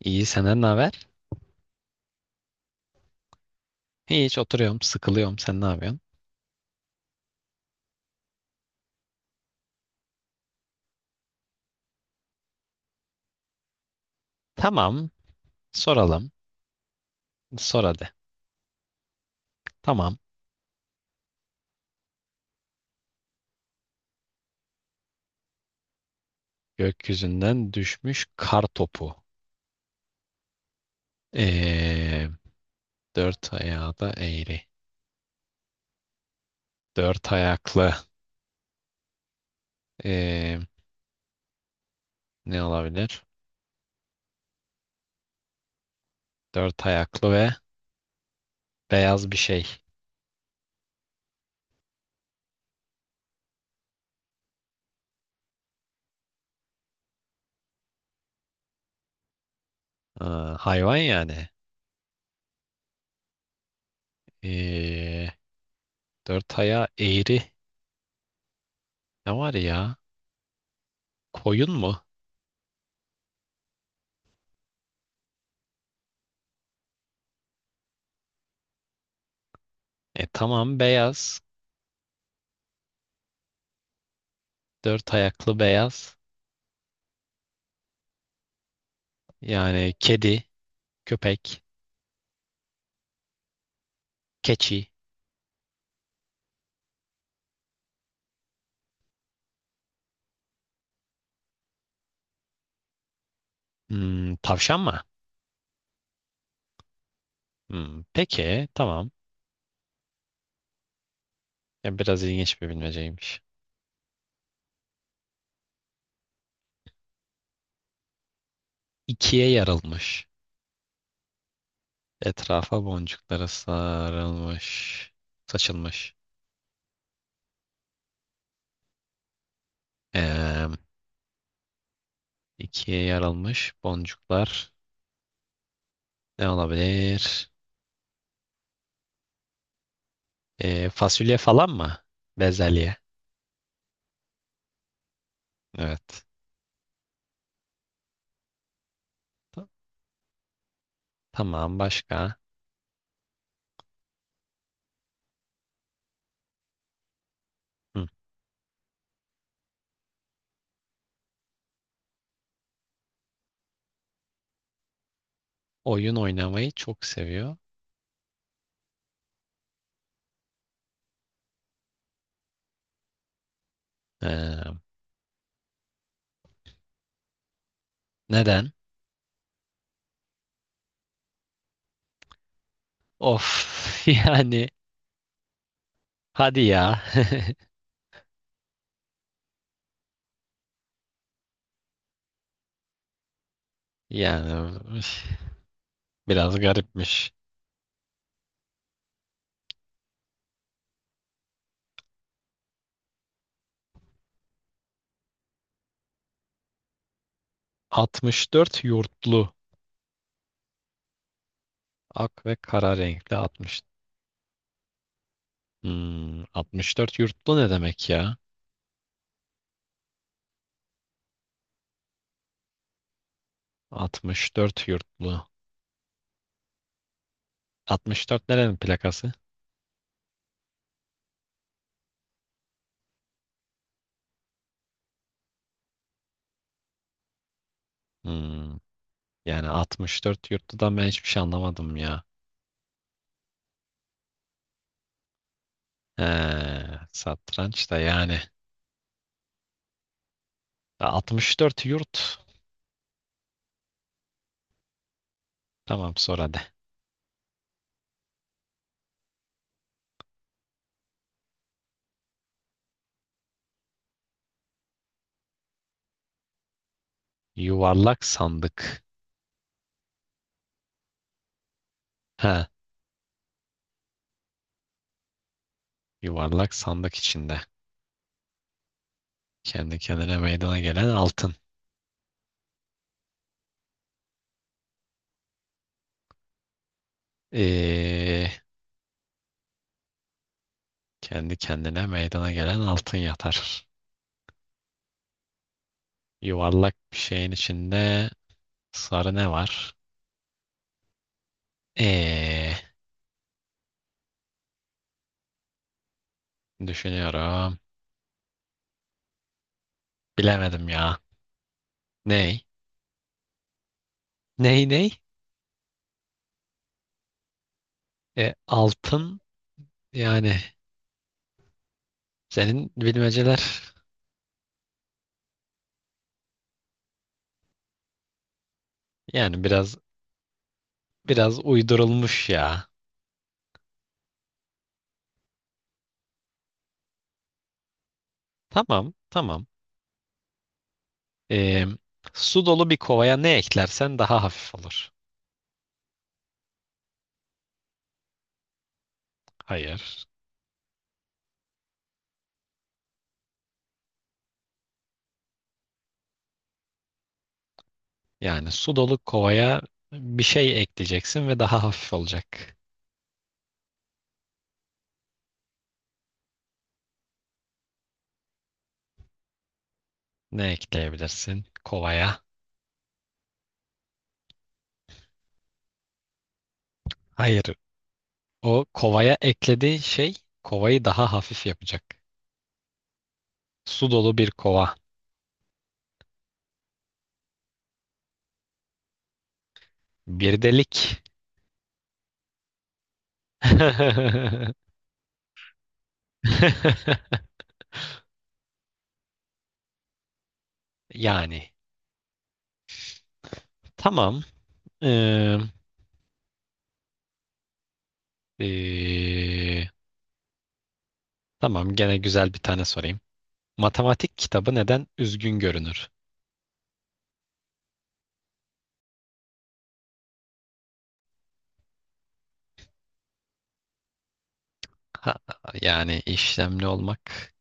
İyi senden ne haber? Hiç oturuyorum, sıkılıyorum. Sen ne yapıyorsun? Tamam, soralım. Sor hadi. Tamam. Gökyüzünden düşmüş kar topu. Ee, Dört ayağı da eğri. Dört ayaklı. Ee, Ne olabilir? Dört ayaklı ve beyaz bir şey. Aa, hayvan yani. Ee, Dört ayağı eğri. Ne var ya? Koyun mu? E tamam beyaz. Dört ayaklı beyaz. Yani kedi, köpek. Keçi. Tavşan mı? Peki tamam. Ya, biraz ilginç bir bilmeceymiş. İkiye yarılmış. Etrafa boncuklara sarılmış. Saçılmış. Ee, ikiye yarılmış boncuklar. Ne olabilir? Fasulye falan mı? Bezelye. Evet. Ta- Tamam başka. Hı. Oyun oynamayı çok seviyor. Ee, Neden? Of yani hadi ya. Yani üf. Biraz garipmiş. 64 yurtlu. Ak ve kara renkli 60. 64 yurtlu ne demek ya? 64 yurtlu. 64 nerenin plakası? Hmm, Yani 64 yurtludan ben hiçbir şey anlamadım ya. He, satranç da yani. 64 yurt. Tamam sonra hadi. Yuvarlak sandık. Ha, yuvarlak sandık içinde. Kendi kendine meydana gelen altın. Ee, Kendi kendine meydana gelen altın yatar. Yuvarlak bir şeyin içinde sarı ne var? Ee, Düşünüyorum. Bilemedim ya. Ney? Ney? Altın yani senin bilmeceler yani biraz uydurulmuş ya. Tamam tamam. Ee, Su dolu bir kovaya ne eklersen daha hafif olur. Hayır. Yani su dolu kovaya bir şey ekleyeceksin ve daha hafif olacak. Ne ekleyebilirsin kovaya? Hayır, o kovaya eklediğin şey kovayı daha hafif yapacak. Su dolu bir kova, bir delik. Yani tamam. Ee, ee, tamam gene güzel bir tane sorayım. Matematik kitabı neden üzgün görünür? Ha, yani işlemli olmak.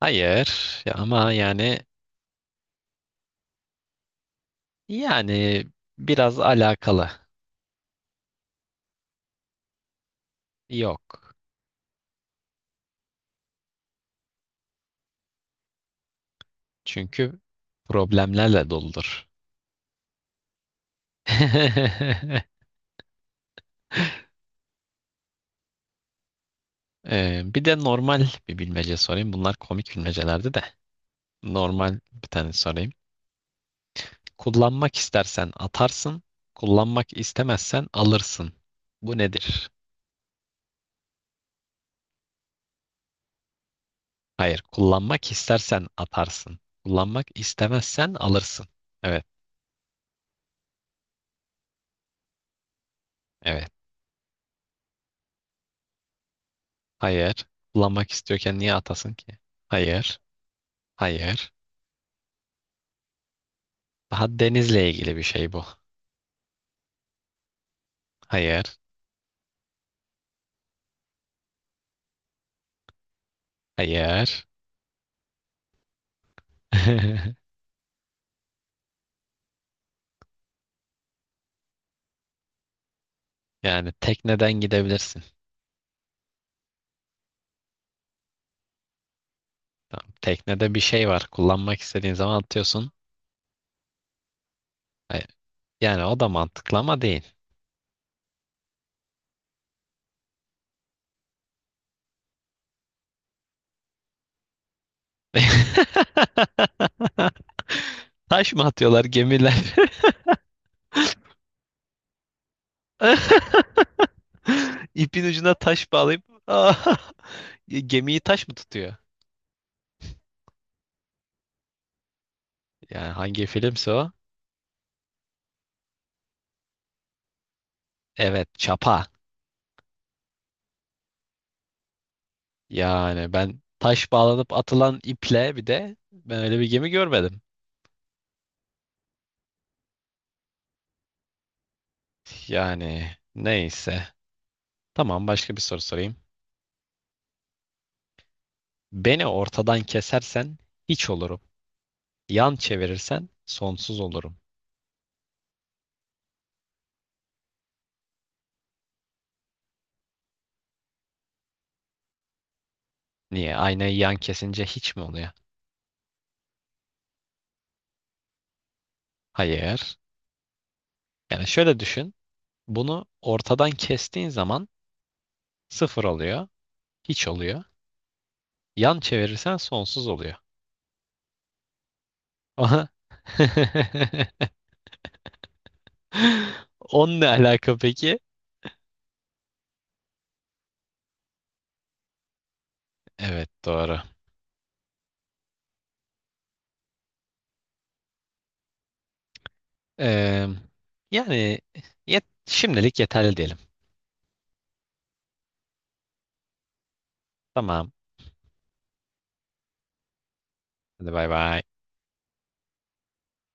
Hayır ya ama yani biraz alakalı. Yok. Çünkü problemlerle doludur. Bir de normal bir bilmece sorayım. Bunlar komik bilmecelerdi de. Normal bir tane sorayım. Kullanmak istersen atarsın, kullanmak istemezsen alırsın. Bu nedir? Hayır, kullanmak istersen atarsın, kullanmak istemezsen alırsın. Evet, evet. Hayır, kullanmak istiyorken niye atasın ki? Hayır, hayır. Daha denizle ilgili bir şey bu. Hayır, hayır. Yani tekneden gidebilirsin. Tamam. Teknede bir şey var. Kullanmak istediğin zaman atıyorsun. E, Yani o da mantıklı ama değil. Taş mı atıyorlar gemiler? İpin ucuna taş bağlayıp gemiyi taş mı tutuyor? Yani hangi filmse o? Evet, çapa. Yani ben taş bağlanıp atılan iple bir de ben öyle bir gemi görmedim. Yani neyse. Tamam başka bir soru sorayım. Beni ortadan kesersen hiç olurum. Yan çevirirsen sonsuz olurum. Niye? Aynayı yan kesince hiç mi oluyor? Hayır. Yani şöyle düşün. Bunu ortadan kestiğin zaman sıfır oluyor, hiç oluyor. Yan çevirirsen sonsuz oluyor. Aha. Onunla ne alaka peki? Evet doğru. Ee, Yani şimdilik yeterli diyelim. Tamam. Hadi bay bay.